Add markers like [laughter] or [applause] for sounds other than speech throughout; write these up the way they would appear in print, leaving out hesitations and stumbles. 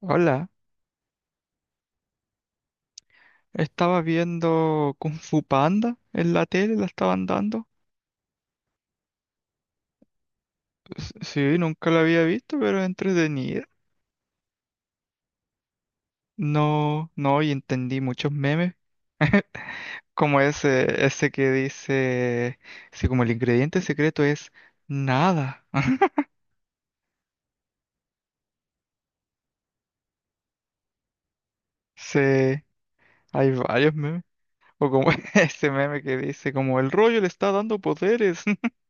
Hola, estaba viendo Kung Fu Panda en la tele, la estaban dando. Sí, nunca la había visto, pero es entretenida. No, no, y entendí muchos memes, como ese que dice, sí, como el ingrediente secreto es nada. [laughs] Sí, hay varios memes. O como [laughs] ese meme que dice, como el rollo le está dando poderes. [laughs]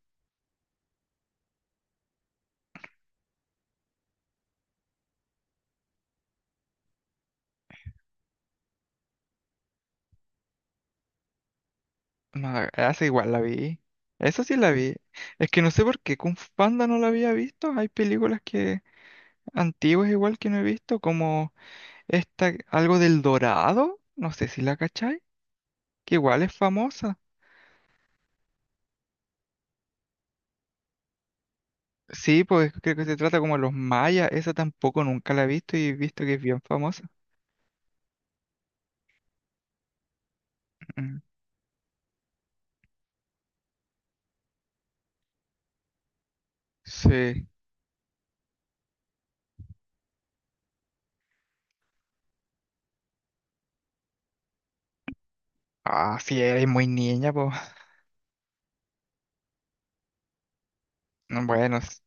No, esa igual la vi. Esa sí la vi. Es que no sé por qué Kung Fu Panda no la había visto. Hay películas que antiguas igual que no he visto, como esta, algo del Dorado, no sé si la cachai, que igual es famosa. Sí, pues creo que se trata como los mayas, esa tampoco nunca la he visto y he visto que es bien famosa. Mm, sí. Ah, sí, eres muy niña, pues. Bueno,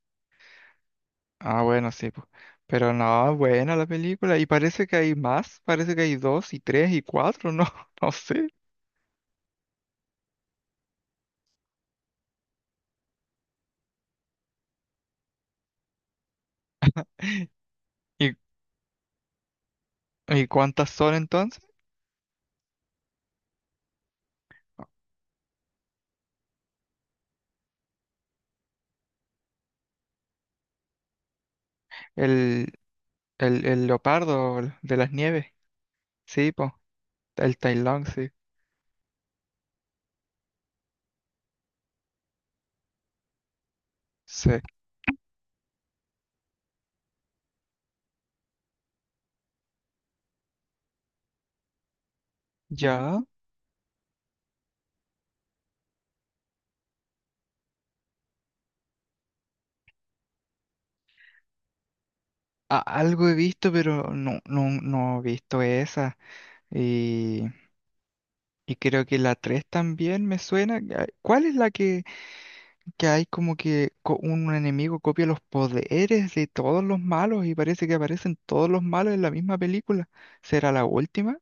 ah, bueno, sí, pues. Pero no, buena la película. Y parece que hay más, parece que hay dos y tres y cuatro, no, [laughs] no sé. ¿Y, ¿Y cuántas son entonces? El, el leopardo de las nieves. Sí, pues. El Tai Lung, sí. Sí. Ya. Algo he visto, pero no, no, no he visto esa. Y, y creo que la 3 también me suena. ¿Ah, cuál es la que hay como que un enemigo copia los poderes de todos los malos y parece que aparecen todos los malos en la misma película? ¿Será la última?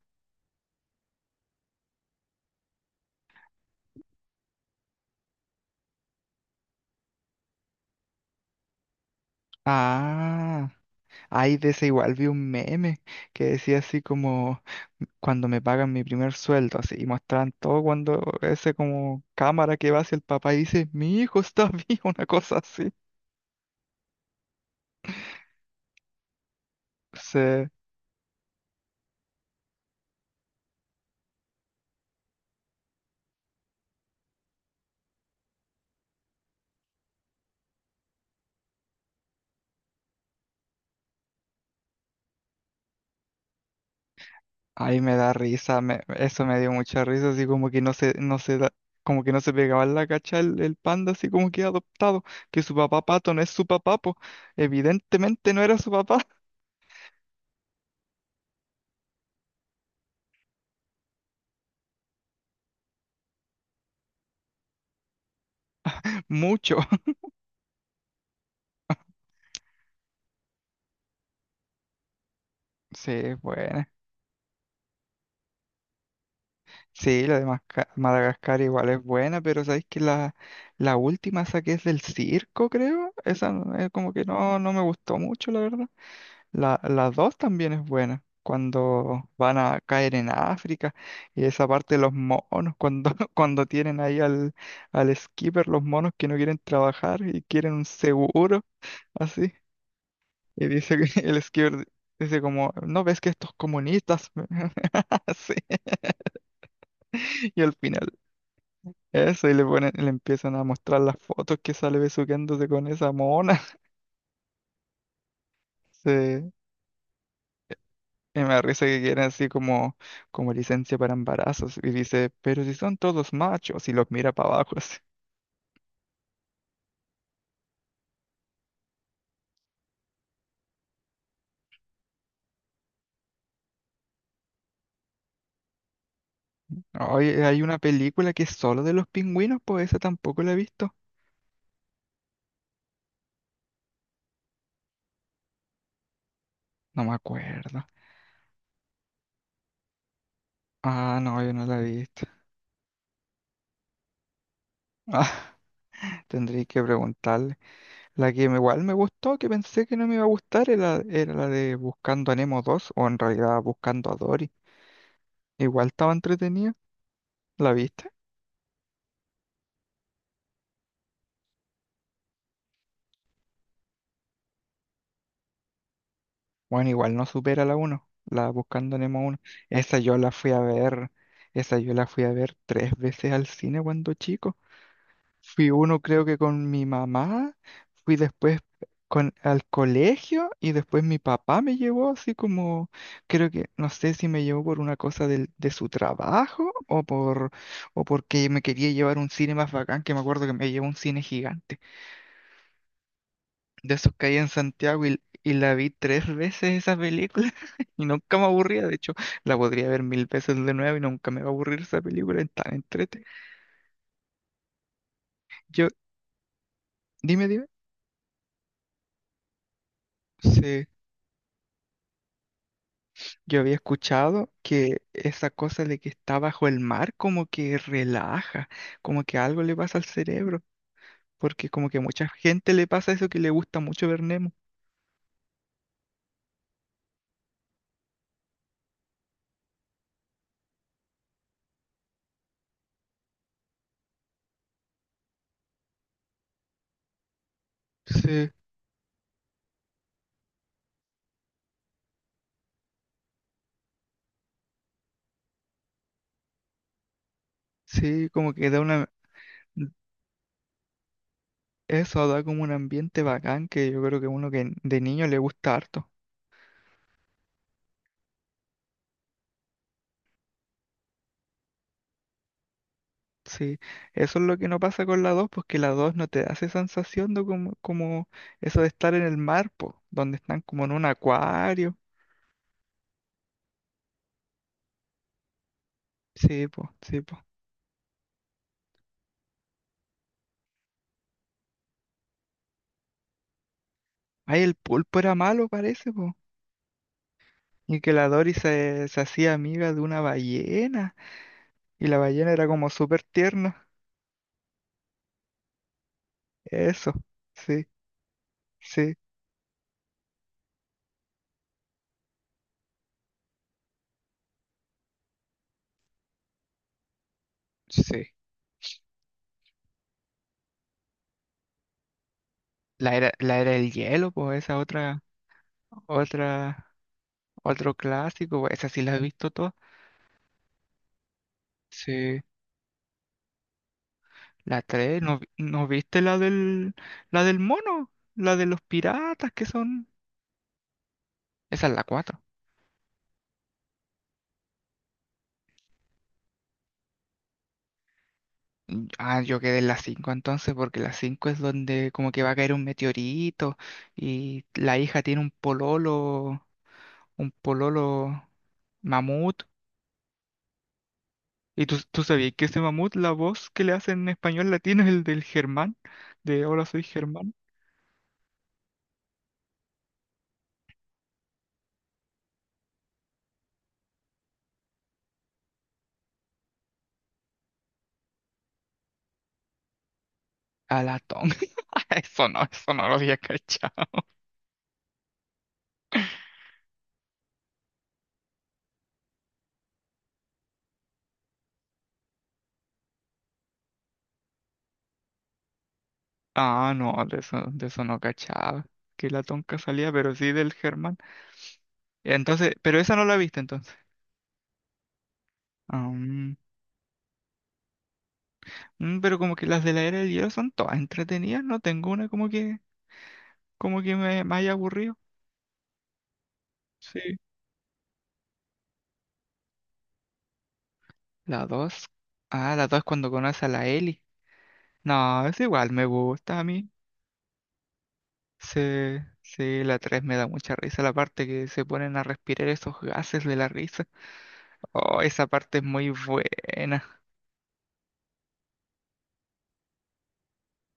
Ah, ay, de esa igual vi un meme que decía así como... cuando me pagan mi primer sueldo, así, y mostraban todo cuando ese como cámara que va hacia el papá y dice, mi hijo está vivo, [laughs] una cosa así. Sí, ahí me da risa, eso me dio mucha risa, así como que no se da, como que no se pegaba en la cacha el panda, así como que adoptado, que su papá pato no es su papá, po. Evidentemente no era su papá, [laughs] mucho. Sí, bueno. Sí, la de Madagascar igual es buena, pero sabéis que la última esa que es del circo, creo, esa como que no, no me gustó mucho, la verdad. La dos también es buena, cuando van a caer en África y esa parte de los monos, cuando, [laughs] cuando tienen ahí al skipper, los monos que no quieren trabajar y quieren un seguro, así. Y dice que [laughs] el skipper dice como, ¿no ves que estos comunistas? [laughs] Así. Y al final eso, y le ponen, le empiezan a mostrar las fotos que sale besuqueándose con esa mona. [laughs] Sí. Y me da risa que quieren así como, como licencia para embarazos. Y dice, pero si son todos machos, y los mira para abajo así. Oye, hay una película que es solo de los pingüinos, pues esa tampoco la he visto. No me acuerdo. Ah, no, yo no la he visto. [laughs] Ah, tendría que preguntarle. La que igual me gustó, que pensé que no me iba a gustar, era la de Buscando a Nemo 2, o en realidad Buscando a Dory. Igual estaba entretenida. ¿La viste? Bueno, igual no supera la uno la Buscando Nemo uno. Esa yo la fui a ver, esa yo la fui a ver tres veces al cine cuando chico. Fui uno creo que con mi mamá, fui después con, al colegio y después mi papá me llevó así como, creo que, no sé si me llevó por una cosa de su trabajo o por, o porque me quería llevar a un cine más bacán, que me acuerdo que me llevó a un cine gigante de esos que hay en Santiago y la vi tres veces esa película [laughs] y nunca me aburría. De hecho, la podría ver mil veces de nuevo y nunca me va a aburrir esa película. Es tan entrete. Yo, dime. Sí, yo había escuchado que esa cosa de que está bajo el mar como que relaja, como que algo le pasa al cerebro, porque como que a mucha gente le pasa eso que le gusta mucho ver Nemo. Sí, sí, como que da una... Eso da como un ambiente bacán que yo creo que uno que de niño le gusta harto. Sí, eso es lo que no pasa con la 2 porque la 2 no te da esa sensación de como, como eso de estar en el mar, po, donde están como en un acuario. Sí, po, sí, po. Ay, el pulpo era malo, parece, po. Y que la Dory se hacía amiga de una ballena, y la ballena era como súper tierna. Eso, sí, sí, sí. La era del hielo, pues esa otra, otra, otro clásico, po, esa sí la he visto toda. Sí, la 3 ¿no, no viste la del mono? La de los piratas que son... Esa es la cuatro. Mm, ah, yo quedé en la 5 entonces porque la 5 es donde como que va a caer un meteorito y la hija tiene un pololo mamut. ¿Y tú sabías que ese mamut, la voz que le hacen en español latino es el del Germán? De Hola soy Germán. A la tonga. [laughs] Eso no lo había cachado. Ah, no, de eso no cachaba. Que la tonca salía, pero sí del Germán. Entonces, pero esa no la viste entonces. Ah, pero como que las de la era del hielo son todas entretenidas, no tengo una como que me haya aburrido. Sí. La dos. Ah, la dos es cuando conoce a la Ellie. No, es igual, me gusta a mí. Sí, sí, la tres me da mucha risa, la parte que se ponen a respirar esos gases de la risa. Oh, esa parte es muy buena.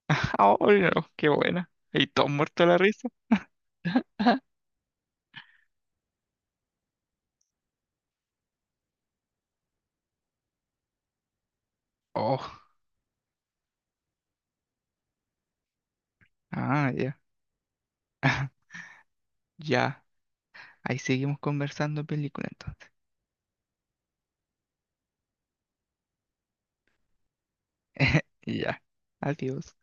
[laughs] Oh, no, qué buena. Y todo muerto de la risa. Oh, ah, ya. [laughs] Ya, ahí seguimos conversando película entonces. [laughs] Ya, adiós.